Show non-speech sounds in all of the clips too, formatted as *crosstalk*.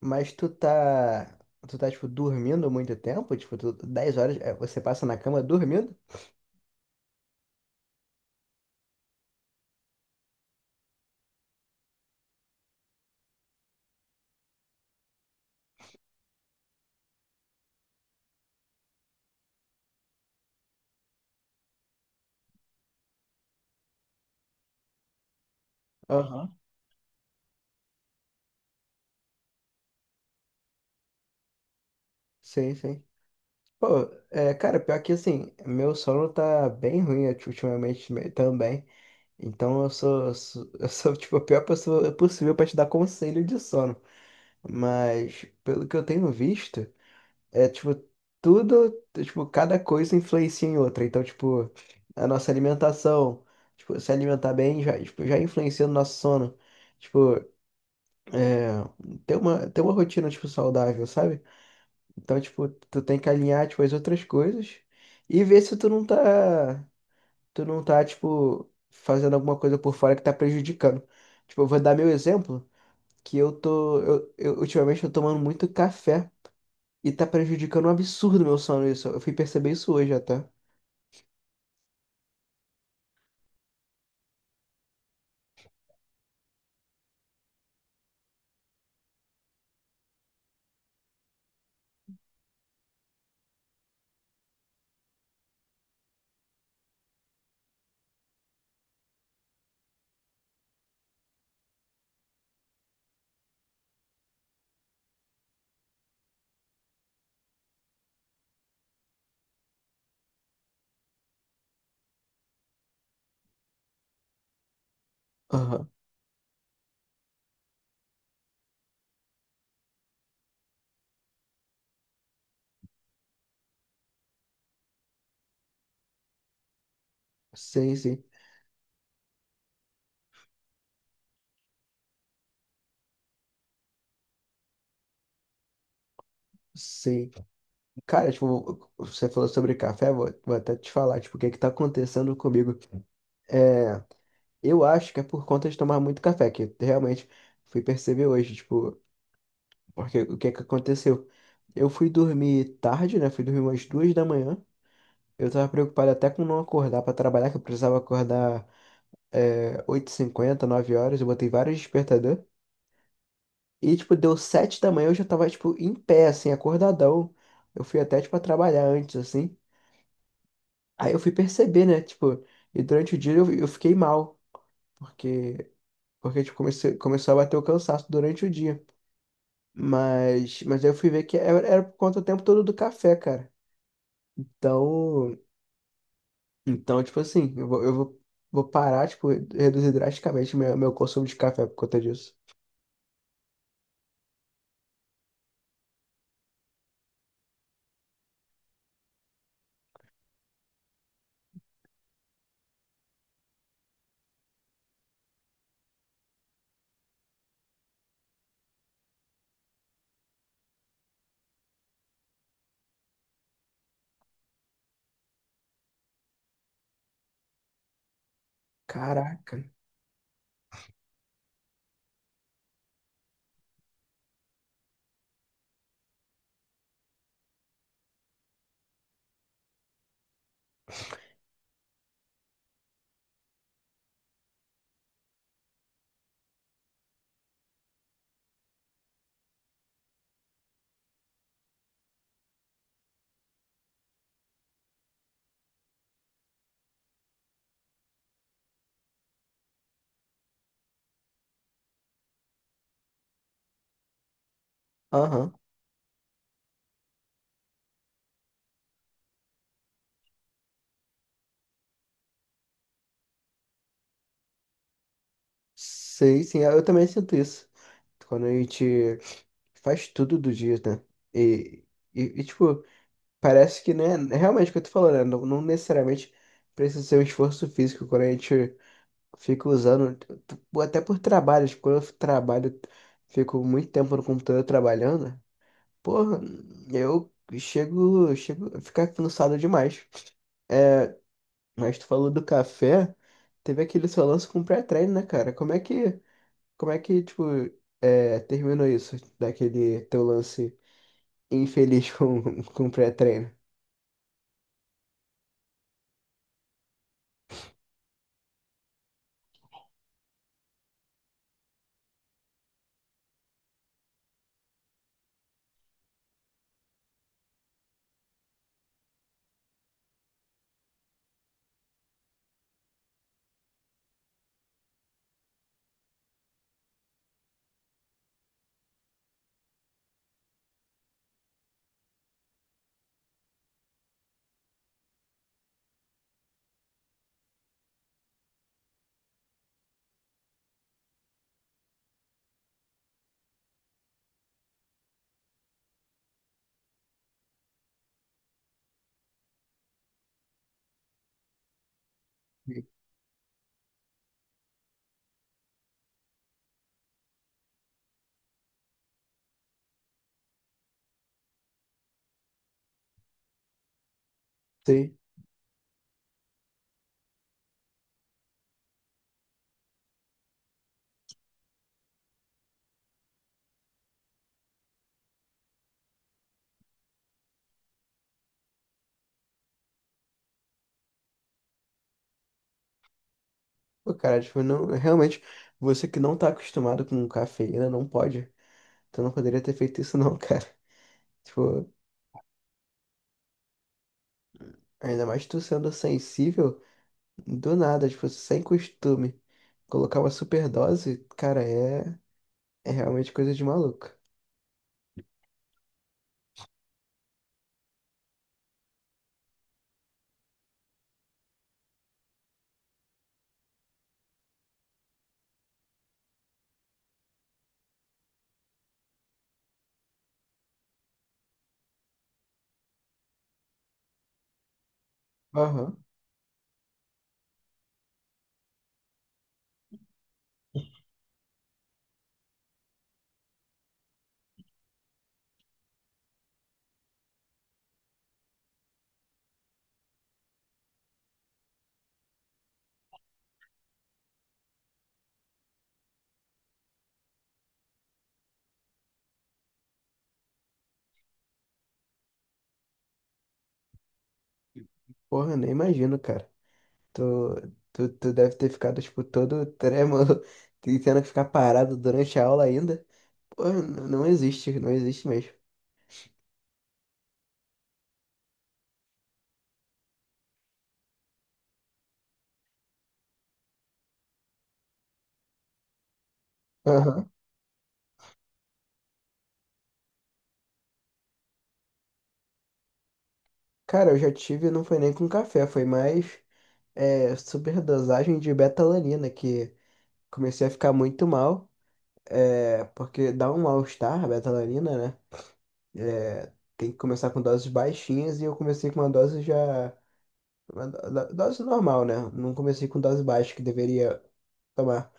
Mas tu tá. Tu tá, tipo, dormindo muito tempo? Tipo, tu, 10 horas é, você passa na cama dormindo? Aham. Sim, sim. Pô, é, cara, pior que assim, meu sono tá bem ruim ultimamente também. Então *laughs* eu sou tipo a pior pessoa possível pra te dar conselho de sono. Mas pelo que eu tenho visto. É tipo, tudo, tipo, cada coisa influencia em outra. Então, tipo, a nossa alimentação, tipo, se alimentar bem já, tipo, já influencia no nosso sono. Tipo, é, ter uma rotina, tipo, saudável, sabe? Então, tipo, tu tem que alinhar, tipo, as outras coisas e ver se tu não tá, tipo, fazendo alguma coisa por fora que tá prejudicando. Tipo, eu vou dar meu exemplo, que eu ultimamente tô tomando muito café. E tá prejudicando um absurdo meu sono isso. Eu fui perceber isso hoje até. Aham. Sim, sim. Sim. Cara, tipo, você falou sobre café, vou até te falar, tipo, o que que tá acontecendo comigo. É, eu acho que é por conta de tomar muito café, que realmente fui perceber hoje, tipo, porque o que que aconteceu? Eu fui dormir tarde, né? Fui dormir umas duas da manhã. Eu tava preocupado até com não acordar pra trabalhar, que eu precisava acordar é, 8h50, 9 horas. Eu botei vários despertador. E, tipo, deu sete da manhã, eu já tava, tipo, em pé, assim, acordadão. Eu fui até, tipo, a trabalhar antes, assim. Aí eu fui perceber, né, tipo, e durante o dia eu fiquei mal, porque, porque, tipo, começou a bater o cansaço durante o dia. Mas aí eu fui ver que era por conta o tempo todo do café, cara. Então, então, tipo assim, eu vou parar, tipo, reduzir drasticamente meu consumo de café por conta disso. Caraca. Aham. Sei, sim, eu também sinto isso. Quando a gente. Faz tudo do dia, né? E, tipo, parece que, né? É realmente o que eu tô falando, né? Não, não necessariamente precisa ser um esforço físico quando a gente fica usando, até por trabalho, tipo, quando eu trabalho, fico muito tempo no computador trabalhando, porra, eu chego a ficar cansado demais. Mas tu falou do café, teve aquele seu lance com pré-treino, né, cara? Como é que, tipo, é, terminou isso, daquele teu lance? Infeliz com, *laughs* com pré-treino. Sim. Pô, cara, tipo, não, realmente, você que não tá acostumado com cafeína, não pode. Tu não poderia ter feito isso não, *laughs* cara. Tipo, ainda mais tu sendo sensível, do nada, tipo, sem costume. Colocar uma superdose, cara, é, é realmente coisa de maluco. Aham. Porra, nem imagino, cara. Tu, tu deve ter ficado, tipo, todo trêmulo, *laughs* e tendo que ficar parado durante a aula ainda. Porra, não existe, não existe mesmo. Aham. Cara, eu já tive, não foi nem com café, foi mais é, superdosagem de betalanina, que comecei a ficar muito mal, é, porque dá um mal-estar a betalanina, né? É, tem que começar com doses baixinhas e eu comecei com uma dose já. Uma dose normal, né? Não comecei com dose baixa que deveria tomar.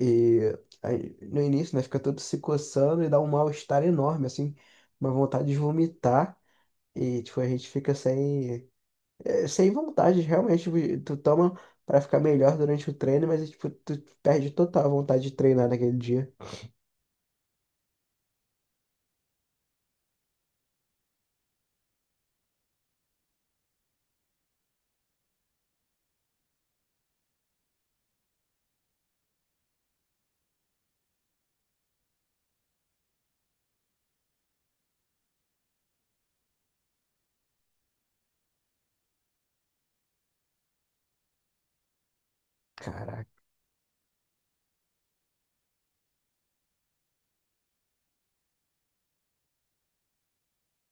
E aí, no início, né, fica todo se coçando e dá um mal-estar enorme, assim, uma vontade de vomitar. E, tipo, a gente fica sem. É, sem vontade, realmente, tipo, tu toma pra ficar melhor durante o treino, mas, tipo, tu perde total a vontade de treinar naquele dia. Caraca.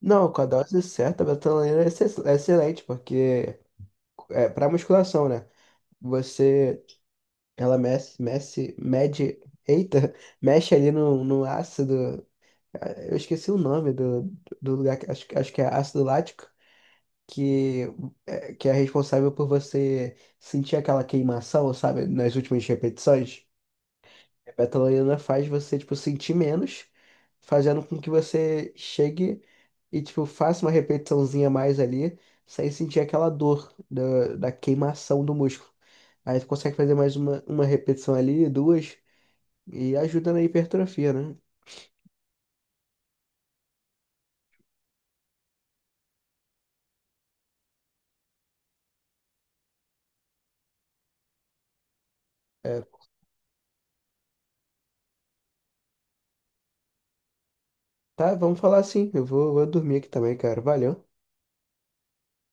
Não, com a dose certa, a betalanina é é excelente, porque é para musculação, né? Você, ela eita, *laughs* mexe ali no, no ácido, ah, eu esqueci o nome do, do lugar, acho, acho que é ácido lático, que que é responsável por você sentir aquela queimação, sabe, nas últimas repetições. A betalaina faz você, tipo, sentir menos, fazendo com que você chegue e, tipo, faça uma repetiçãozinha a mais ali, sem sentir aquela dor da, da queimação do músculo. Aí tu consegue fazer mais uma repetição ali, duas, e ajuda na hipertrofia, né? É, tá, vamos falar assim. Eu vou dormir aqui também, cara. Valeu.